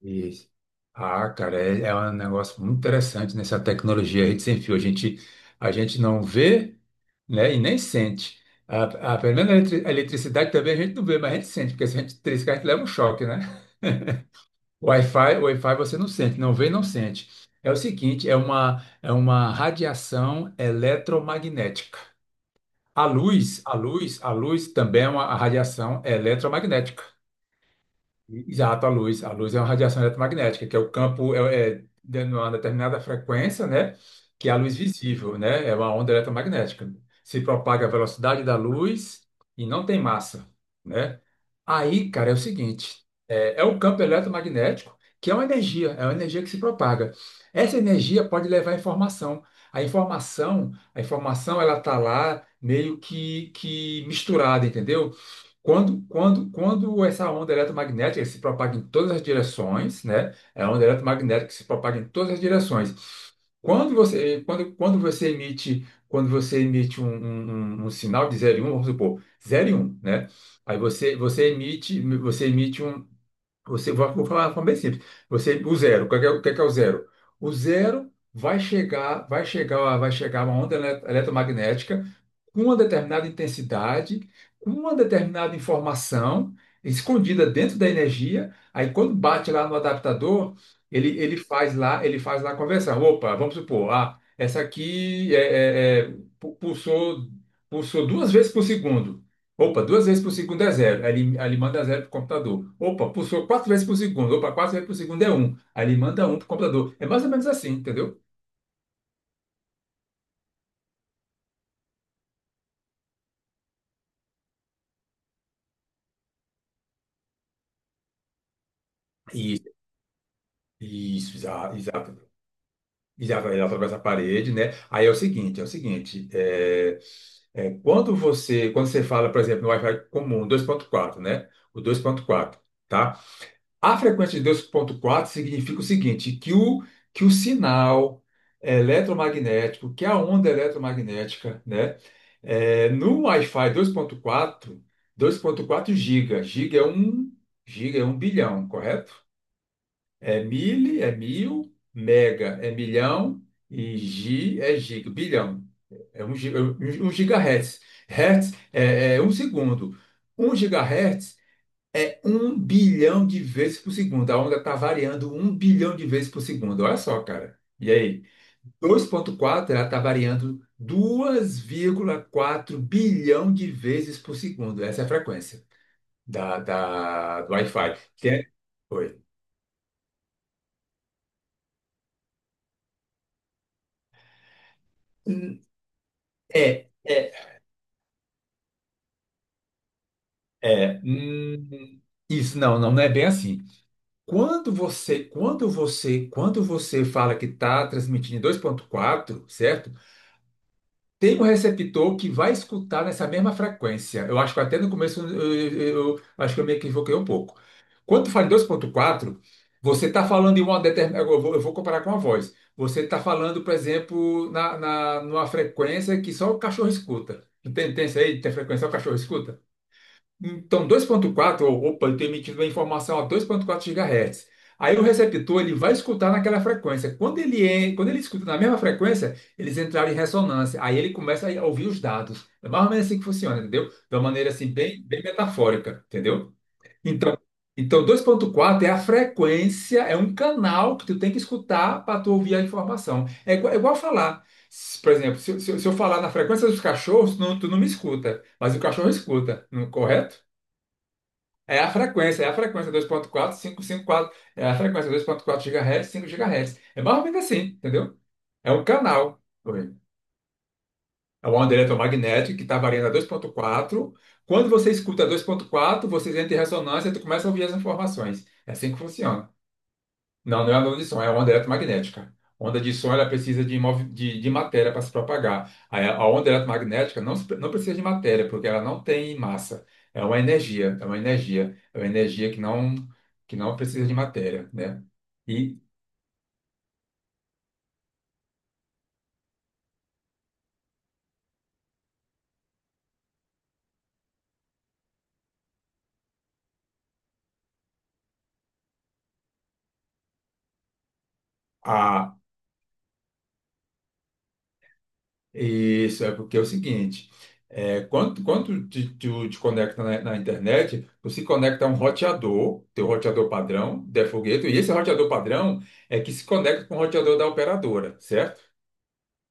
Isso. Ah, cara, é um negócio muito interessante nessa tecnologia rede sem fio. A gente não vê, né, e nem sente. A, pelo menos a a eletricidade também a gente não vê, mas a gente sente, porque se a gente triscar, a gente leva um choque, né? O Wi-Fi você não sente, não vê, não sente. É o seguinte, é uma radiação eletromagnética. A luz também é uma radiação eletromagnética. Exato, a luz. A luz é uma radiação eletromagnética, que é o campo, de uma determinada frequência, né? Que é a luz visível, né? É uma onda eletromagnética. Se propaga a velocidade da luz e não tem massa, né? Aí, cara, é o seguinte: o campo eletromagnético, que é uma energia que se propaga. Essa energia pode levar informação. A informação, ela tá lá meio que misturada, entendeu? Quando essa onda eletromagnética se propaga em todas as direções, né? É a onda eletromagnética que se propaga em todas as direções. Quando você, quando, quando você emite um sinal de zero e um, vamos supor, zero e um, né? Aí você, você emite um, você, vou falar de forma bem simples. Você, o zero, o que é o zero? O zero vai chegar uma onda eletromagnética com uma determinada intensidade, com uma determinada informação escondida dentro da energia. Aí quando bate lá no adaptador, ele faz lá a conversão. Opa, vamos supor, ah, essa aqui pulsou duas vezes por segundo. Opa, duas vezes por segundo é zero. Aí ele manda zero para o computador. Opa, pulsou quatro vezes por segundo. Opa, quatro vezes por segundo é um. Aí ele manda um para o computador. É mais ou menos assim, entendeu? Isso, isso, exato. Exato, ele atravessa a parede, né? Aí é o seguinte. Quando você fala, por exemplo, no Wi-Fi comum, dois ponto quatro, né? O dois ponto quatro, tá? A frequência de 2.4 significa o seguinte, que o sinal eletromagnético, que é a onda eletromagnética, né, é, no Wi-Fi 2.4, 2.4 giga é um, giga é um bilhão, correto? É mil, mega é milhão e gi é giga, bilhão. É um gigahertz. Hertz é um segundo. Um gigahertz é um bilhão de vezes por segundo. A onda está variando um bilhão de vezes por segundo. Olha só, cara. E aí? 2,4 ela está variando dois vírgula quatro bilhão de vezes por segundo. Essa é a frequência do Wi-Fi. Oi. Hum, É, é, é. hum, Isso, não, não, não é bem assim. Quando você fala que está transmitindo em dois vírgula quatro, certo? Tem um receptor que vai escutar nessa mesma frequência. Eu acho que até no começo eu acho que eu me equivoquei um pouco. Quando tu fala em 2.4, você está falando em uma determinada. Eu vou comparar com a voz. Você está falando, por exemplo, numa frequência que só o cachorro escuta. Não. Tem isso aí? Tem frequência que só o cachorro. Então, 2.4, opa, ele está emitindo uma informação a 2.4 GHz. Aí o receptor ele vai escutar naquela frequência. Quando ele escuta na mesma frequência, eles entraram em ressonância. Aí ele começa a ouvir os dados. É mais ou menos assim que funciona, entendeu? De uma maneira assim, bem, bem metafórica, entendeu? Então, então 2.4 é a frequência, é um canal que tu tem que escutar para tu ouvir a informação. É igual falar. Por exemplo, se eu falar na frequência dos cachorros, tu não me escuta, mas o cachorro escuta, não, correto? É a frequência 2.4, 554, é a frequência 2.4 GHz, 5 GHz. É mais ou menos assim, entendeu? É um canal. Oi. É uma onda eletromagnética que está variando a 2.4. Quando você escuta 2.4, você entra em ressonância e tu começa a ouvir as informações. É assim que funciona. Não, não é onda de som, é onda eletromagnética. Onda de som, ela precisa de matéria para se propagar. A onda eletromagnética não, não precisa de matéria, porque ela não tem massa. É uma energia, é uma energia, é uma energia que não precisa de matéria, né? E a, isso é porque é o seguinte, quando tu te conecta na internet, tu se conecta a um roteador, teu roteador padrão, de foguete, e esse roteador padrão é que se conecta com o roteador da operadora, certo?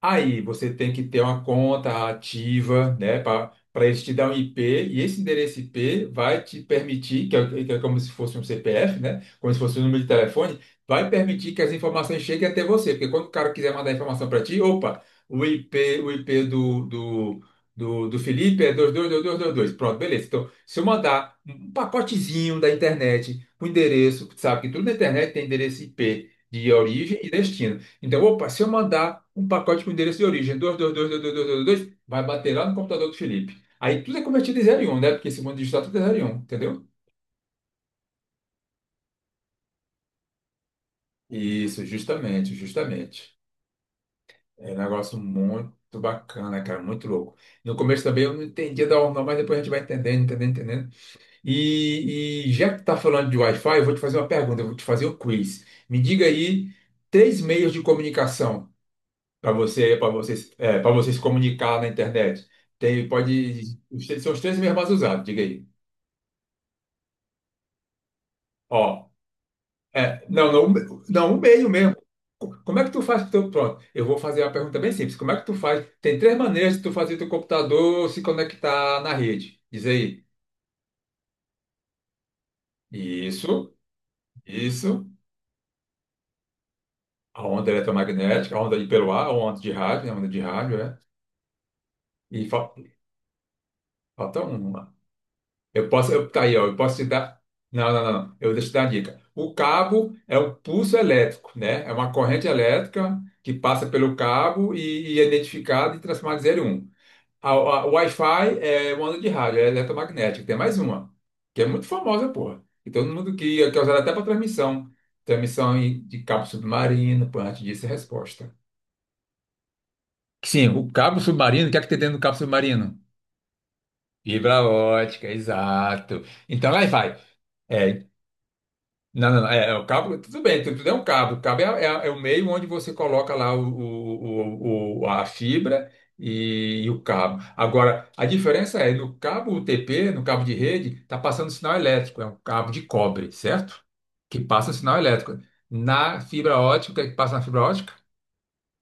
Aí você tem que ter uma conta ativa, né, para eles te dar um IP, e esse endereço IP vai te permitir, que é como se fosse um CPF, né, como se fosse um número de telefone, vai permitir que as informações cheguem até você, porque quando o cara quiser mandar informação para ti, opa, o IP, o IP do Felipe é dois dois dois dois dois dois. Pronto, beleza. Então, se eu mandar um pacotezinho da internet, o endereço, sabe que tudo na internet tem endereço IP de origem e destino. Então, opa, se eu mandar um pacote com endereço de origem 22222222, vai bater lá no computador do Felipe. Aí tudo é convertido em zero e 1, né? Porque esse mundo digital tudo é zero e 1, entendeu? Isso, justamente, justamente. É um negócio muito bacana, cara, muito louco. No começo também eu não entendia da onda, mas depois a gente vai entendendo, entendendo, entendendo. E já que tá falando de Wi-Fi, eu vou te fazer um quiz. Me diga aí três meios de comunicação para você se comunicar na internet. Tem, pode, são os três meios mais usados, diga aí. Ó, não, não, não, o meio mesmo. Como é que tu faz com o teu, pronto, eu vou fazer uma pergunta bem simples. Como é que tu faz? Tem três maneiras de tu fazer teu computador se conectar na rede. Diz aí. Isso, isso. A onda eletromagnética, a onda de pelo ar, a onda de rádio, né, a onda de rádio, é. E fa- falta um. Eu posso, eu, tá aí, ó, eu posso te dar. Não, não, não, não. Eu deixo te dar a dica. O cabo é um pulso elétrico, né? É uma corrente elétrica que passa pelo cabo e é identificada e transformada em zero e um. O Wi-Fi é uma onda de rádio, é eletromagnética. Tem mais uma, que é muito famosa, porra. E todo mundo que é usada até para transmissão. Transmissão de cabo submarino, pô, antes disso, é a resposta. Sim, o cabo submarino, o que é que tem dentro do cabo submarino? Fibra ótica, exato. Então, lá vai. É, Não, não, não. O cabo, tudo bem, tudo, é um cabo. O cabo é, é o meio onde você coloca lá a fibra e o cabo. Agora, a diferença é, no cabo UTP, no cabo de rede, está passando sinal elétrico, é um cabo de cobre, certo? Que passa o sinal elétrico. Na fibra ótica, o que é que passa na fibra ótica?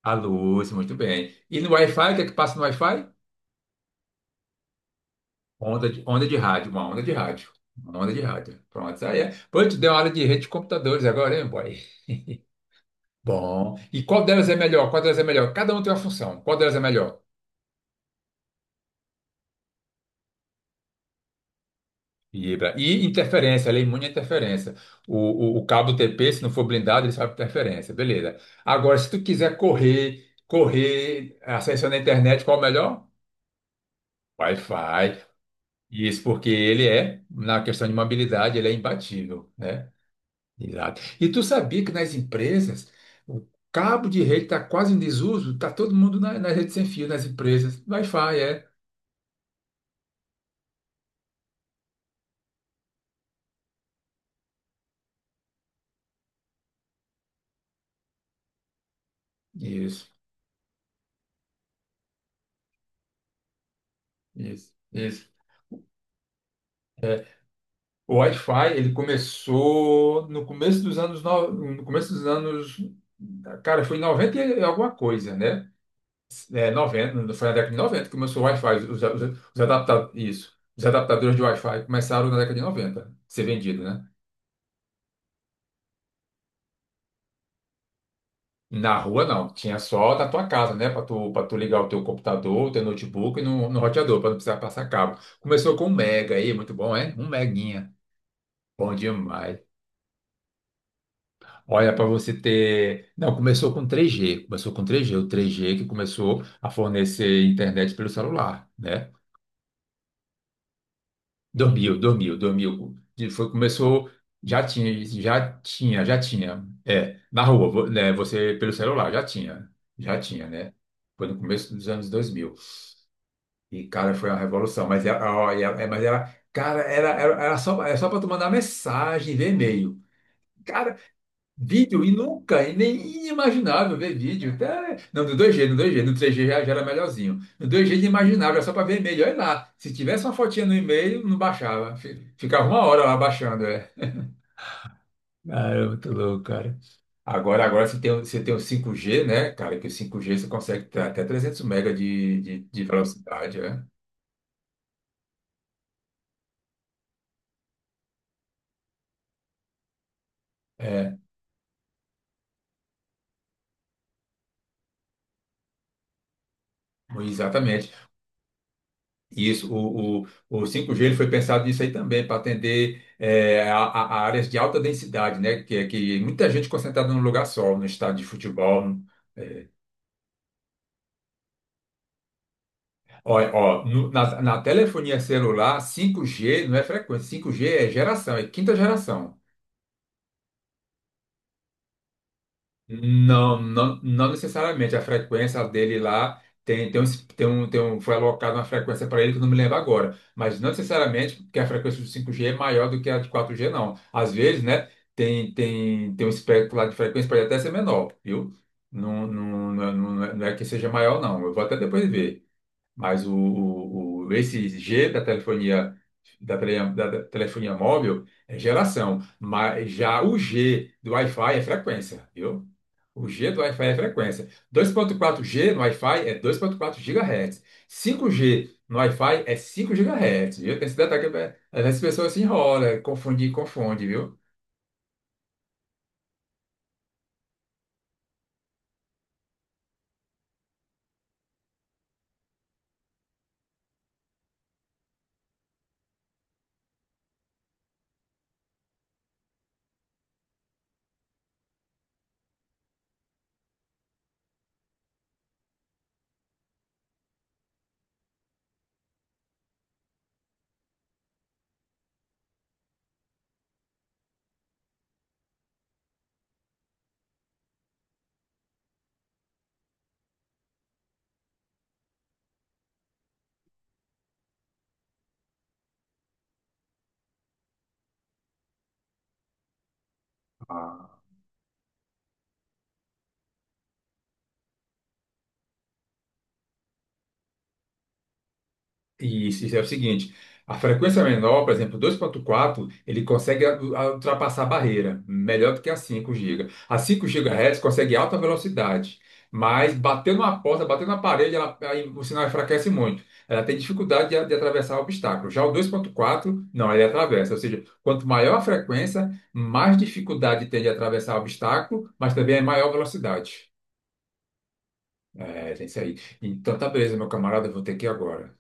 A luz, muito bem. E no Wi-Fi, o que é que passa no Wi-Fi? Onda de rádio, uma onda de rádio. Uma onda de rádio. Pronto, isso aí é. Pô, tu deu uma aula de rede de computadores agora, hein, boy? Bom. E qual delas é melhor? Qual delas é melhor? Cada um tem uma função. Qual delas é melhor? Vibra. E interferência, ela é imune à interferência. O, o cabo TP, se não for blindado, ele sabe interferência. Beleza. Agora, se tu quiser correr, acesso na internet, qual é o melhor? Wi-Fi. Isso porque ele é, na questão de mobilidade, ele é imbatível, né? Exato. E tu sabia que nas empresas, o cabo de rede está quase em desuso, está todo mundo nas redes sem fio, nas empresas. Wi-Fi, é. Isso. Isso, isso. É, o Wi-Fi, ele começou no começo dos anos, no começo dos anos, cara, foi em 90 e alguma coisa, né? É, 90, foi na década de 90 que começou o Wi-Fi, os adapta, isso, os adaptadores de Wi-Fi começaram na década de 90 a ser vendido, né? Na rua não, tinha só na tua casa, né? Para tu ligar o teu computador, o teu notebook e no roteador, para não precisar passar cabo. Começou com um mega aí, muito bom, é? Um meguinha. Bom demais. Olha, para você ter. Não, começou com 3G. Começou com três g. O 3G que começou a fornecer internet pelo celular, né? 2000, 2000, 2000. Foi, começou. Já tinha, já tinha, já tinha. É, na rua, né, você pelo celular, já tinha. Já tinha, né? Foi no começo dos anos 2000. E, cara, foi uma revolução. Mas, era, ó, mas era. Cara, era só para tu mandar mensagem, ver e-mail. Vídeo e nunca, e nem inimaginável ver vídeo. Até... Não, no 2G, no dois g, no 3G já, já era melhorzinho. No dois g inimaginável, era só para ver e-mail. Olha lá, se tivesse uma fotinha no e-mail, não baixava. Ficava uma hora lá baixando, é. Ah, é muito louco, cara. Agora, agora você tem, você tem o 5G, né, cara? Que o 5G você consegue ter até 300 mega de velocidade, é. É, exatamente. Isso, o 5G ele foi pensado nisso aí também, para atender a áreas de alta densidade, né? Que, é que muita gente concentrada num lugar só, no estádio de futebol. Eh, ó, ó, na telefonia celular, 5G não é frequência, 5G é geração, é quinta geração. Não, não, não necessariamente. A frequência dele lá foi alocada uma frequência para ele que eu não me lembro agora. Mas não necessariamente porque a frequência do 5G é maior do que a de 4G, não. Às vezes, né, tem um espectro lá de frequência pode até ser menor, viu? Não, não, não, não é que seja maior, não. Eu vou até depois ver. Mas esse G da telefonia, da telefonia móvel é geração. Mas já o G do Wi-Fi é frequência, viu? O G do Wi-Fi é frequência. 2.4G no Wi-Fi é 2.4 GHz. 5G no Wi-Fi é 5 GHz, viu? Tem esse detalhe que é, às vezes as pessoas se enrolam, confunde, confunde, viu? Ah, E isso é o seguinte, a frequência menor, por exemplo, dois ponto quatro, ele consegue ultrapassar a barreira, melhor do que a 5 GB. A 5 GHz consegue alta velocidade, mas batendo na porta, batendo na parede, ela, aí o sinal enfraquece muito. Ela tem dificuldade de, de atravessar o obstáculo. Já o dois ponto quatro, não, ele atravessa. Ou seja, quanto maior a frequência, mais dificuldade tem de atravessar o obstáculo, mas também é maior velocidade. É, tem isso aí. Então, tá beleza, meu camarada, eu vou ter que ir agora.